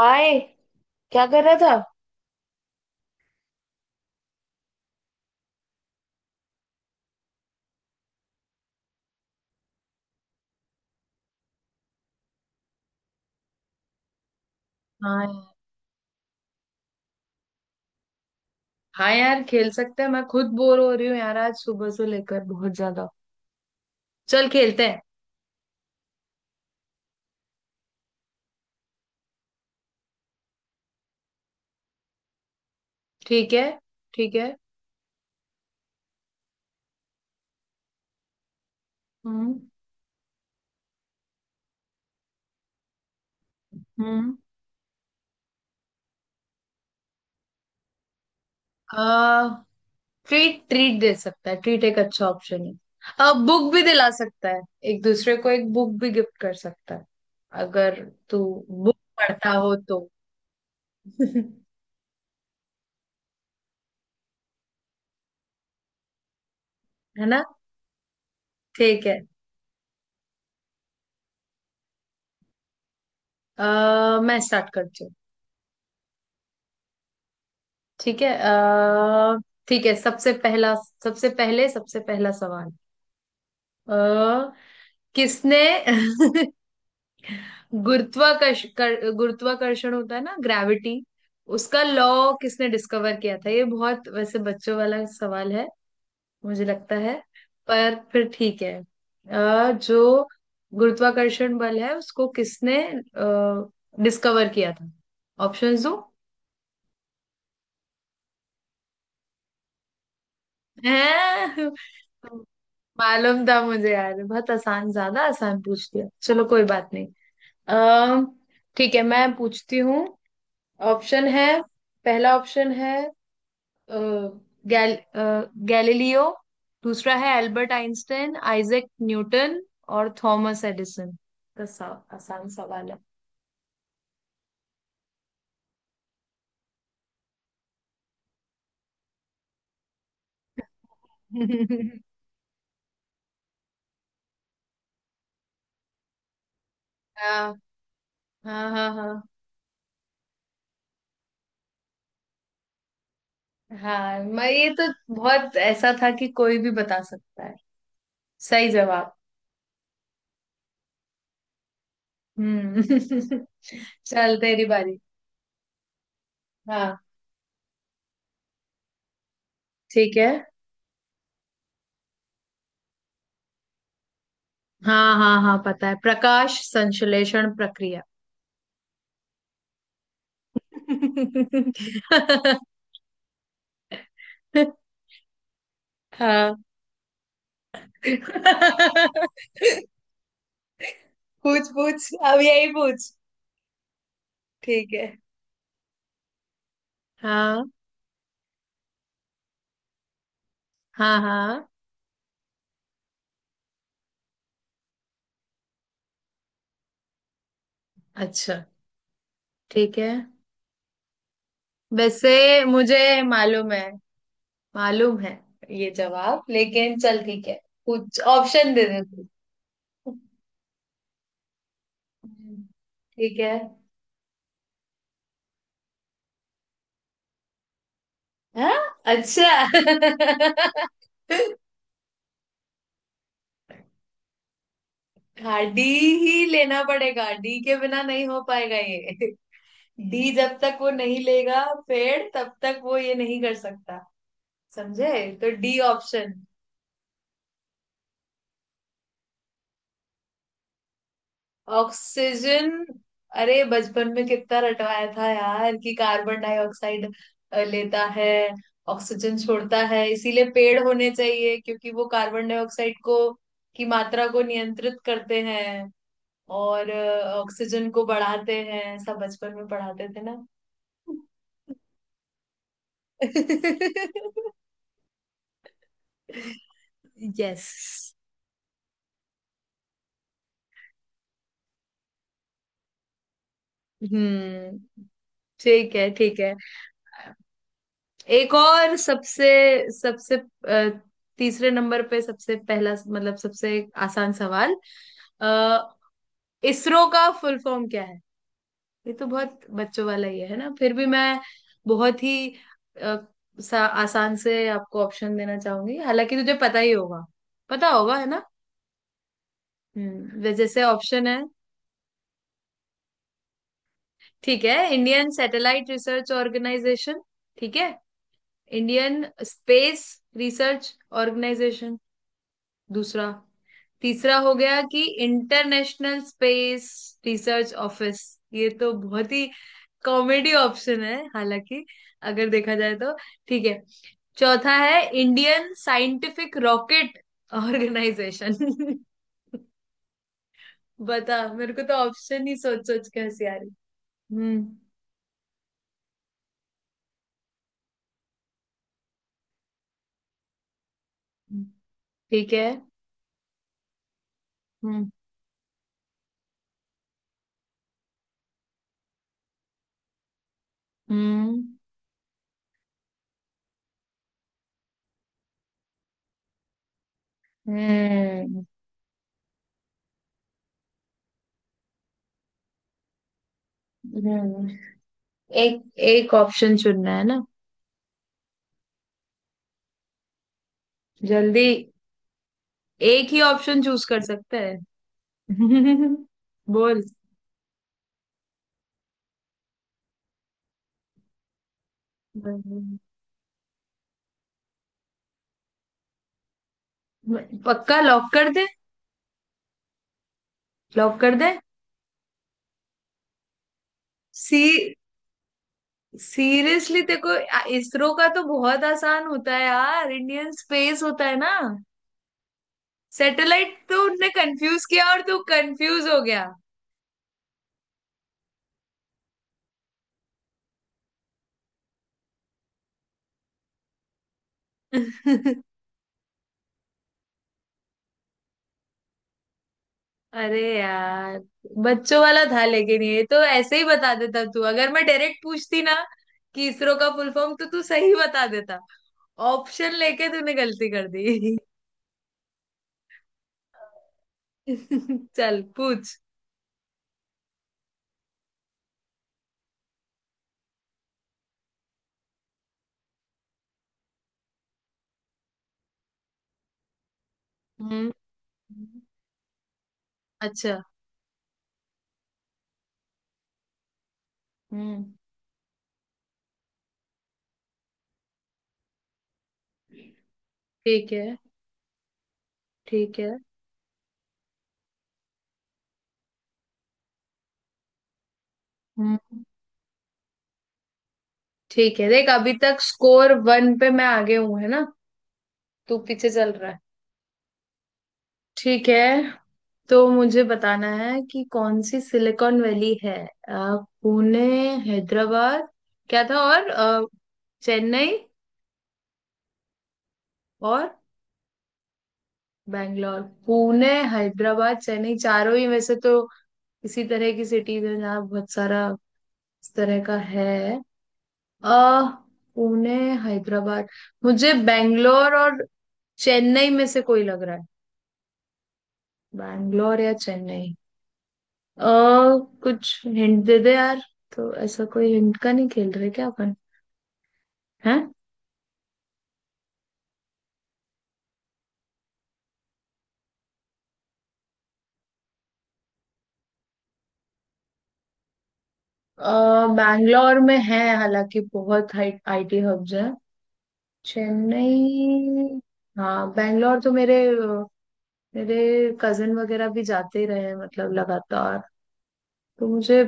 हाय। क्या कर रहा था? हाँ यार। हाँ यार, खेल सकते हैं, मैं खुद बोर हो रही हूँ यार, आज सुबह से लेकर बहुत ज्यादा। चल खेलते हैं। ठीक है। ठीक है। हम्म। हम्म। आ, ट्रीट ट्रीट दे सकता है, ट्रीट एक अच्छा ऑप्शन है। बुक भी दिला सकता है। एक दूसरे को एक बुक भी गिफ्ट कर सकता है, अगर तू बुक पढ़ता हो तो। है ना? ठीक है। मैं स्टार्ट करती हूँ। ठीक है। ठीक है। सबसे पहला सवाल। अ, किसने गुरुत्वाकर्षण होता है ना, ग्रेविटी, उसका लॉ किसने डिस्कवर किया था? ये बहुत वैसे बच्चों वाला सवाल है मुझे लगता है, पर फिर ठीक है। जो गुरुत्वाकर्षण बल है उसको किसने डिस्कवर किया था? ऑप्शंस दो। हैं? मालूम था मुझे यार, बहुत आसान, ज्यादा आसान पूछ लिया, चलो कोई बात नहीं। अम ठीक है, मैं पूछती हूँ। ऑप्शन है, पहला ऑप्शन है अ, गैलीलियो, दूसरा है एल्बर्ट आइंस्टाइन, आइजैक न्यूटन और थॉमस एडिसन। तो सा, आसान सवाल है। हाँ हाँ हाँ। हाँ हाँ, मैं ये तो बहुत ऐसा था कि कोई भी बता सकता है। सही जवाब। हम्म। चल तेरी बारी। हाँ। ठीक है। हाँ हाँ हाँ, पता है, प्रकाश संश्लेषण प्रक्रिया। हाँ। पूछ पूछ, अब यही पूछ। ठीक है। हाँ। हाँ हाँ। अच्छा। ठीक है। वैसे मुझे मालूम है, मालूम है ये जवाब, लेकिन चल ठीक है, कुछ ऑप्शन दे दे तू। ठीक है। हाँ। अच्छा। हाँ, डी ही लेना पड़ेगा, डी के बिना नहीं हो पाएगा ये। डी, जब तक वो नहीं लेगा पेड़ तब तक वो ये नहीं कर सकता, समझे? तो डी ऑप्शन। ऑक्सीजन? अरे बचपन में कितना रटवाया था यार कि कार्बन डाइऑक्साइड लेता है, ऑक्सीजन छोड़ता है, इसीलिए पेड़ होने चाहिए क्योंकि वो कार्बन डाइऑक्साइड को की मात्रा को नियंत्रित करते हैं, और ऑक्सीजन को बढ़ाते हैं, सब बचपन में पढ़ाते थे ना। यस। हम्म। ठीक है। ठीक है। एक और, सबसे सबसे अ, तीसरे नंबर पे, सबसे पहला मतलब सबसे आसान सवाल। अ, इसरो का फुल फॉर्म क्या है? ये तो बहुत बच्चों वाला ही है ना, फिर भी मैं बहुत ही अ, सा, आसान से आपको ऑप्शन देना चाहूंगी, हालांकि तुझे पता ही होगा। पता होगा है ना? हम्म। जैसे ऑप्शन है। ठीक है, इंडियन सैटेलाइट रिसर्च ऑर्गेनाइजेशन। ठीक है, इंडियन स्पेस रिसर्च ऑर्गेनाइजेशन। दूसरा, तीसरा हो गया कि इंटरनेशनल स्पेस रिसर्च ऑफिस, ये तो बहुत ही कॉमेडी ऑप्शन है, हालांकि अगर देखा जाए तो। ठीक है, चौथा है इंडियन साइंटिफिक रॉकेट ऑर्गेनाइजेशन। बता, मेरे को तो ऑप्शन ही सोच सोच के हंसी आ रही। हम्म। ठीक है। हम्म। हम्म। हम्म। हम्म। एक, एक ऑप्शन चुनना है ना? जल्दी, एक ही ऑप्शन चूज कर सकता है। बोल। पक्का लॉक कर दे। लॉक कर दे। सी। सीरियसली देखो, इसरो का तो बहुत आसान होता है यार, इंडियन स्पेस होता है ना, सैटेलाइट तो उनने कंफ्यूज किया और तू कंफ्यूज हो गया। अरे यार, बच्चों वाला था, लेकिन ये तो ऐसे ही बता देता तू अगर मैं डायरेक्ट पूछती ना कि इसरो का फुल फॉर्म, तो तू सही बता देता। ऑप्शन लेके तूने गलती कर दी। चल पूछ। हम्म। अच्छा। हम्म। ठीक है। ठीक है। हम्म। ठीक है देख, अभी तक स्कोर 1 पे मैं आगे हूं, है ना? तू पीछे चल रहा है। ठीक है, तो मुझे बताना है कि कौन सी सिलिकॉन वैली है। अ, पुणे, हैदराबाद, क्या था और चेन्नई और बैंगलोर। पुणे, हैदराबाद, चेन्नई, चारों ही वैसे तो इसी तरह की सिटीज है, जहाँ बहुत सारा इस तरह का है। अ पुणे, हैदराबाद, मुझे बैंगलोर और चेन्नई में से कोई लग रहा है, बैंगलोर या चेन्नई। अ कुछ हिंट दे दे यार, तो ऐसा कोई हिंट का नहीं खेल रहे क्या? हैं? अ, बैंगलोर में है हालांकि बहुत हाई आईटी हब्स हैं, चेन्नई। हाँ, बैंगलोर तो मेरे मेरे कजिन वगैरह भी जाते ही रहे हैं, मतलब लगातार। तो मुझे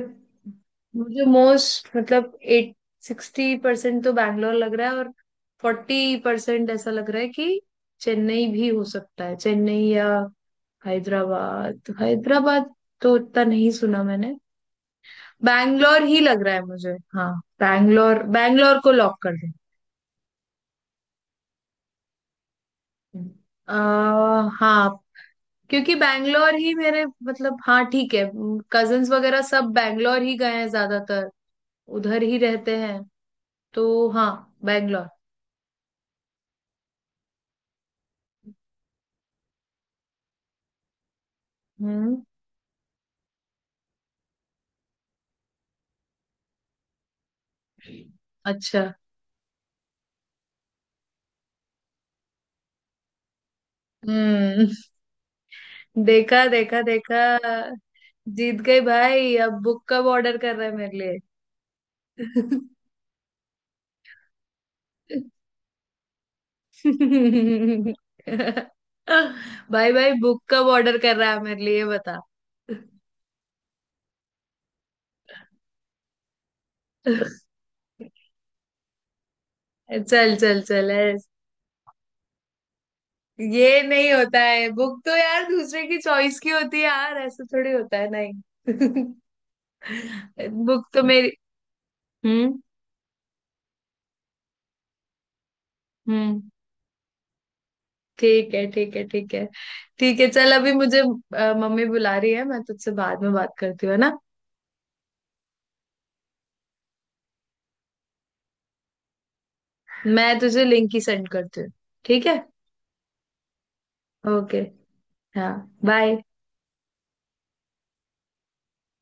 मुझे मोस्ट, मतलब एट 60% तो बैंगलोर लग रहा है, और 40% ऐसा लग रहा है कि चेन्नई भी हो सकता है, चेन्नई या हैदराबाद। हैदराबाद तो उतना नहीं सुना मैंने, बैंगलोर ही लग रहा है मुझे। हाँ, बैंगलोर। बैंगलोर, को लॉक कर दें? अह हाँ, क्योंकि बैंगलोर ही मेरे, मतलब, हाँ ठीक है, कजन्स वगैरह सब बैंगलोर ही गए हैं ज्यादातर, उधर ही रहते हैं तो। हाँ, बैंगलोर। हम्म। अच्छा। हम्म। देखा देखा देखा, जीत गई भाई, अब बुक कब ऑर्डर कर रहे हैं मेरे लिए? भाई भाई, बुक कब ऑर्डर कर रहा है मेरे लिए, ये बता। चल चल चल, ये नहीं होता है, बुक तो यार दूसरे की चॉइस की होती है यार, ऐसा थोड़ी होता है नहीं। बुक तो मेरी। हम्म। हम्म। ठीक है। ठीक है। ठीक है। ठीक है चल, अभी मुझे मम्मी बुला रही है, मैं तुझसे बाद में बात करती हूँ, है ना? मैं तुझे लिंक ही सेंड करती हूँ। ठीक है। ओके। हाँ। बाय।